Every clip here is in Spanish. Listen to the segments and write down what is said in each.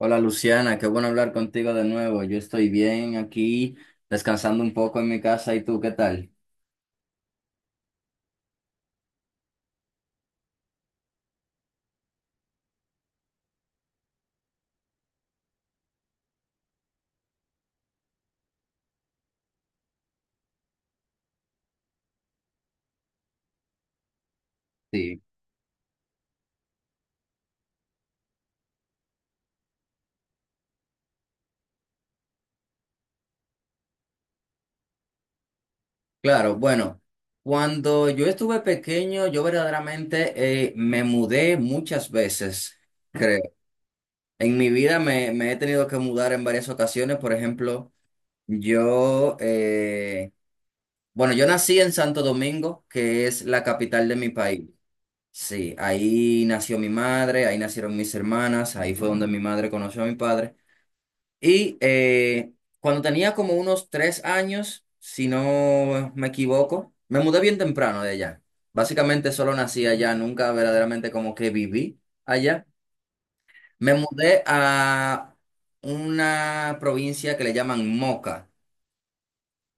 Hola Luciana, qué bueno hablar contigo de nuevo. Yo estoy bien aquí, descansando un poco en mi casa. ¿Y tú qué tal? Sí, claro. Bueno, cuando yo estuve pequeño, yo verdaderamente me mudé muchas veces, creo. En mi vida me he tenido que mudar en varias ocasiones. Por ejemplo, yo, bueno, yo nací en Santo Domingo, que es la capital de mi país. Sí, ahí nació mi madre, ahí nacieron mis hermanas, ahí fue donde mi madre conoció a mi padre. Y cuando tenía como unos 3 años, si no me equivoco, me mudé bien temprano de allá. Básicamente solo nací allá, nunca verdaderamente como que viví allá. Me mudé a una provincia que le llaman Moca.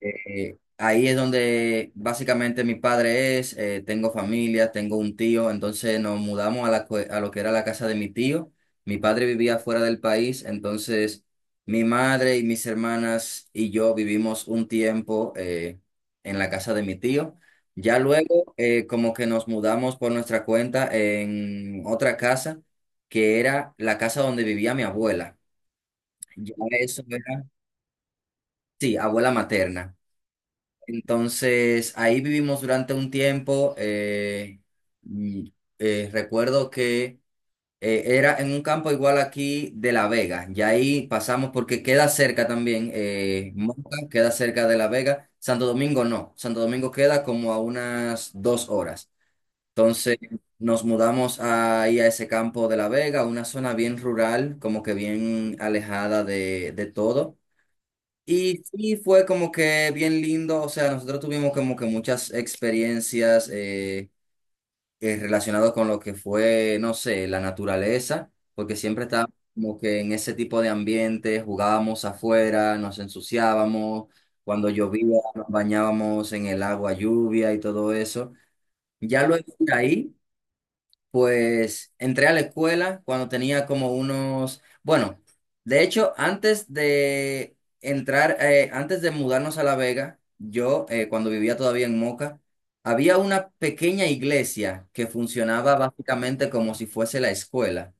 Ahí es donde básicamente mi padre es, tengo familia, tengo un tío, entonces nos mudamos a, la, a lo que era la casa de mi tío. Mi padre vivía fuera del país, entonces mi madre y mis hermanas y yo vivimos un tiempo en la casa de mi tío. Ya luego como que nos mudamos por nuestra cuenta en otra casa, que era la casa donde vivía mi abuela. Ya eso era, sí, abuela materna. Entonces, ahí vivimos durante un tiempo. Y, recuerdo que era en un campo igual aquí de La Vega. Y ahí pasamos porque queda cerca también. Moca queda cerca de La Vega. Santo Domingo no. Santo Domingo queda como a unas 2 horas. Entonces, nos mudamos ahí a ese campo de La Vega, una zona bien rural, como que bien alejada de todo. Y sí, fue como que bien lindo, o sea, nosotros tuvimos como que muchas experiencias relacionadas con lo que fue, no sé, la naturaleza, porque siempre estábamos como que en ese tipo de ambiente, jugábamos afuera, nos ensuciábamos, cuando llovía nos bañábamos en el agua lluvia y todo eso. Ya luego de ahí. Pues entré a la escuela cuando tenía como unos, bueno, de hecho, antes de entrar, antes de mudarnos a La Vega, yo, cuando vivía todavía en Moca, había una pequeña iglesia que funcionaba básicamente como si fuese la escuela.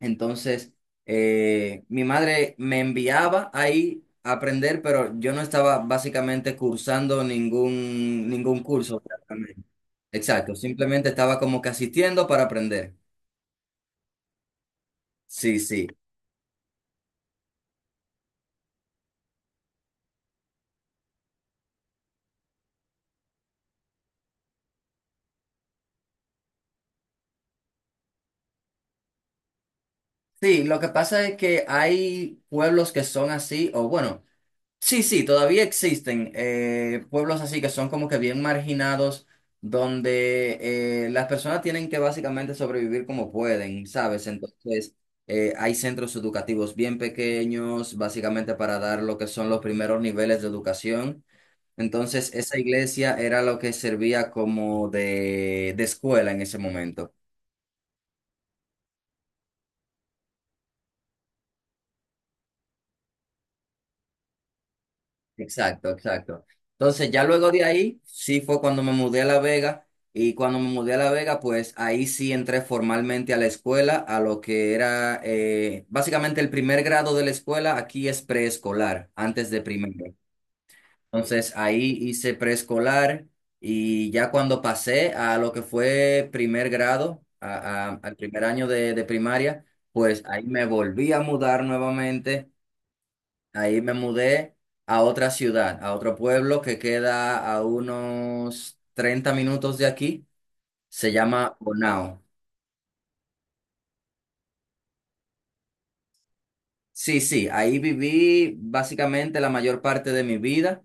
Entonces, mi madre me enviaba ahí a aprender, pero yo no estaba básicamente cursando ningún curso. Prácticamente. Exacto, simplemente estaba como que asistiendo para aprender. Sí, sí. Sí, lo que pasa es que hay pueblos que son así, o bueno, sí, sí, todavía existen pueblos así que son como que bien marginados, donde las personas tienen que básicamente sobrevivir como pueden, ¿sabes? Entonces, hay centros educativos bien pequeños, básicamente para dar lo que son los primeros niveles de educación. Entonces, esa iglesia era lo que servía como de escuela en ese momento. Exacto, exacto. Entonces, ya luego de ahí, sí fue cuando me mudé a La Vega y cuando me mudé a La Vega, pues ahí sí entré formalmente a la escuela, a lo que era básicamente el primer grado de la escuela, aquí es preescolar, antes de primero. Entonces, ahí hice preescolar y ya cuando pasé a lo que fue primer grado, al primer año de primaria, pues ahí me volví a mudar nuevamente. Ahí me mudé a otra ciudad, a otro pueblo que queda a unos 30 minutos de aquí. Se llama Bonao. Sí, sí, ahí viví básicamente la mayor parte de mi vida.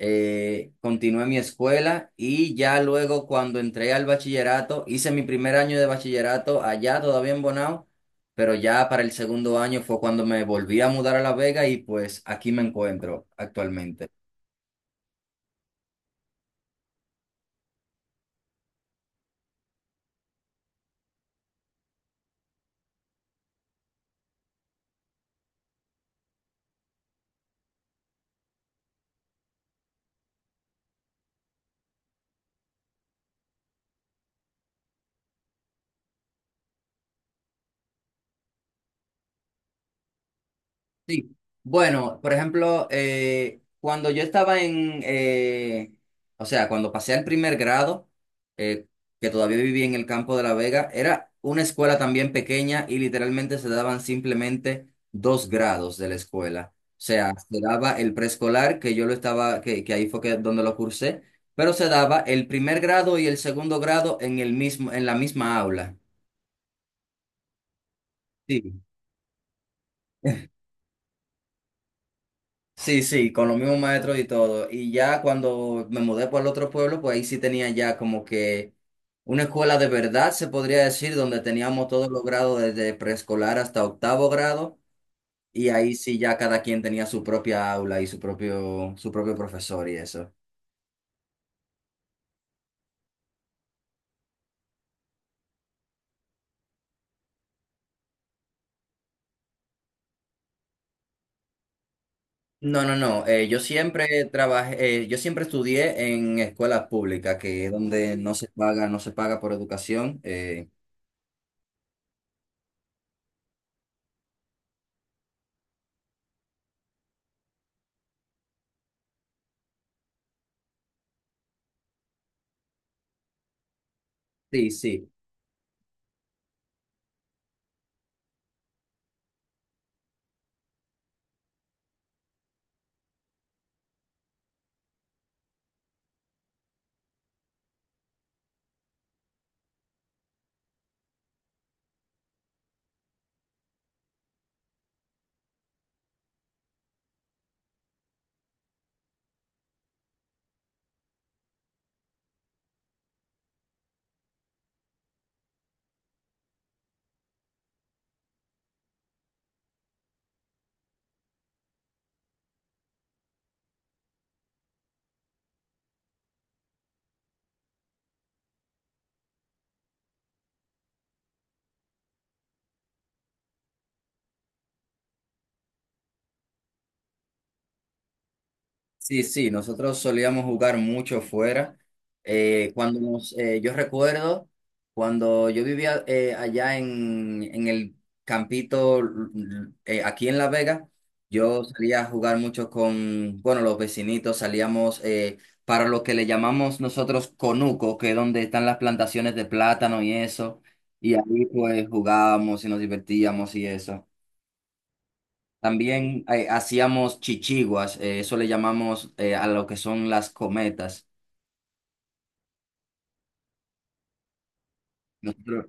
Continué mi escuela y ya luego cuando entré al bachillerato, hice mi primer año de bachillerato allá todavía en Bonao, pero ya para el segundo año fue cuando me volví a mudar a La Vega y pues aquí me encuentro actualmente. Sí, bueno, por ejemplo, cuando yo estaba en, o sea, cuando pasé al primer grado, eh, que todavía vivía en el campo de La Vega, era una escuela también pequeña y literalmente se daban simplemente dos grados de la escuela. O sea, se daba el preescolar, que yo lo estaba, que ahí fue que, donde lo cursé, pero se daba el primer grado y el segundo grado en el mismo, en la misma aula. Sí. Sí, sí, con los mismos maestros y todo. Y ya cuando me mudé para el otro pueblo, pues ahí sí tenía ya como que una escuela de verdad, se podría decir, donde teníamos todos los grados desde preescolar hasta octavo grado. Y ahí sí ya cada quien tenía su propia aula y su propio profesor y eso. No, no, no. Yo siempre trabajé, yo siempre estudié en escuelas públicas, que es donde no se paga, no se paga por educación. Eh, sí, sí. Sí, sí, nosotros solíamos jugar mucho fuera. Cuando nos, yo recuerdo cuando yo vivía allá en el aquí en La Vega, yo salía a jugar mucho con, bueno, los vecinitos, salíamos para lo que le llamamos nosotros conuco, que es donde están las plantaciones de plátano y eso, y ahí pues jugábamos y nos divertíamos y eso. También hacíamos chichiguas, eso le llamamos a lo que son las cometas. Nosotros,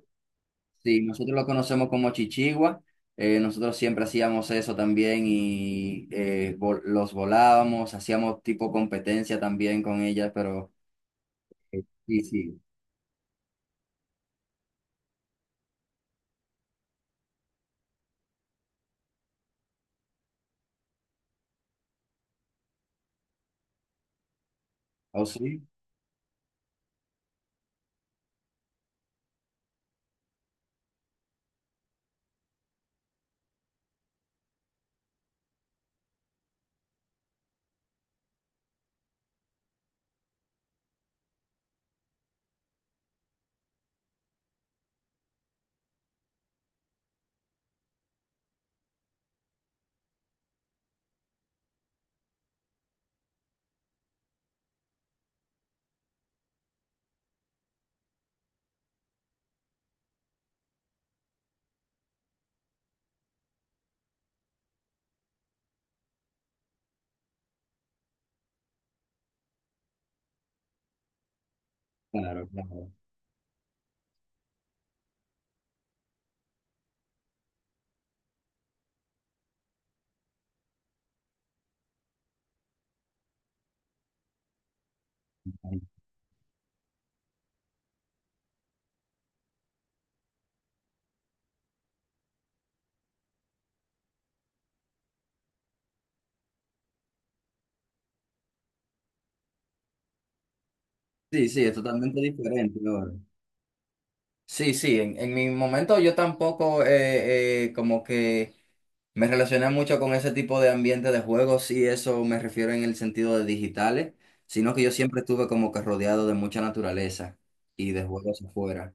sí, nosotros lo conocemos como chichigua, nosotros siempre hacíamos eso también y los volábamos, hacíamos tipo competencia también con ellas, pero eh, sí, sí, ¿o sí? Claro, claro. Sí, sí, es totalmente diferente ahora. Sí, sí, en mi momento yo tampoco como que... Me relaciona mucho con ese tipo de ambiente de juegos y eso me refiero en el sentido de digitales, sino que yo siempre estuve como que rodeado de mucha naturaleza y de juegos afuera.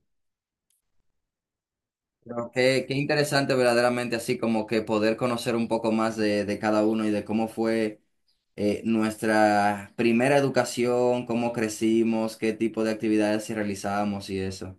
Pero qué, qué interesante verdaderamente así como que poder conocer un poco más de cada uno y de cómo fue nuestra primera educación, cómo crecimos, qué tipo de actividades sí realizábamos y eso.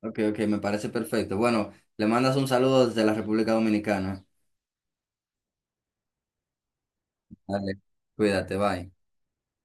Ok, ok, me parece perfecto. Bueno, le mandas un saludo desde la República Dominicana. Dale, cuídate, bye.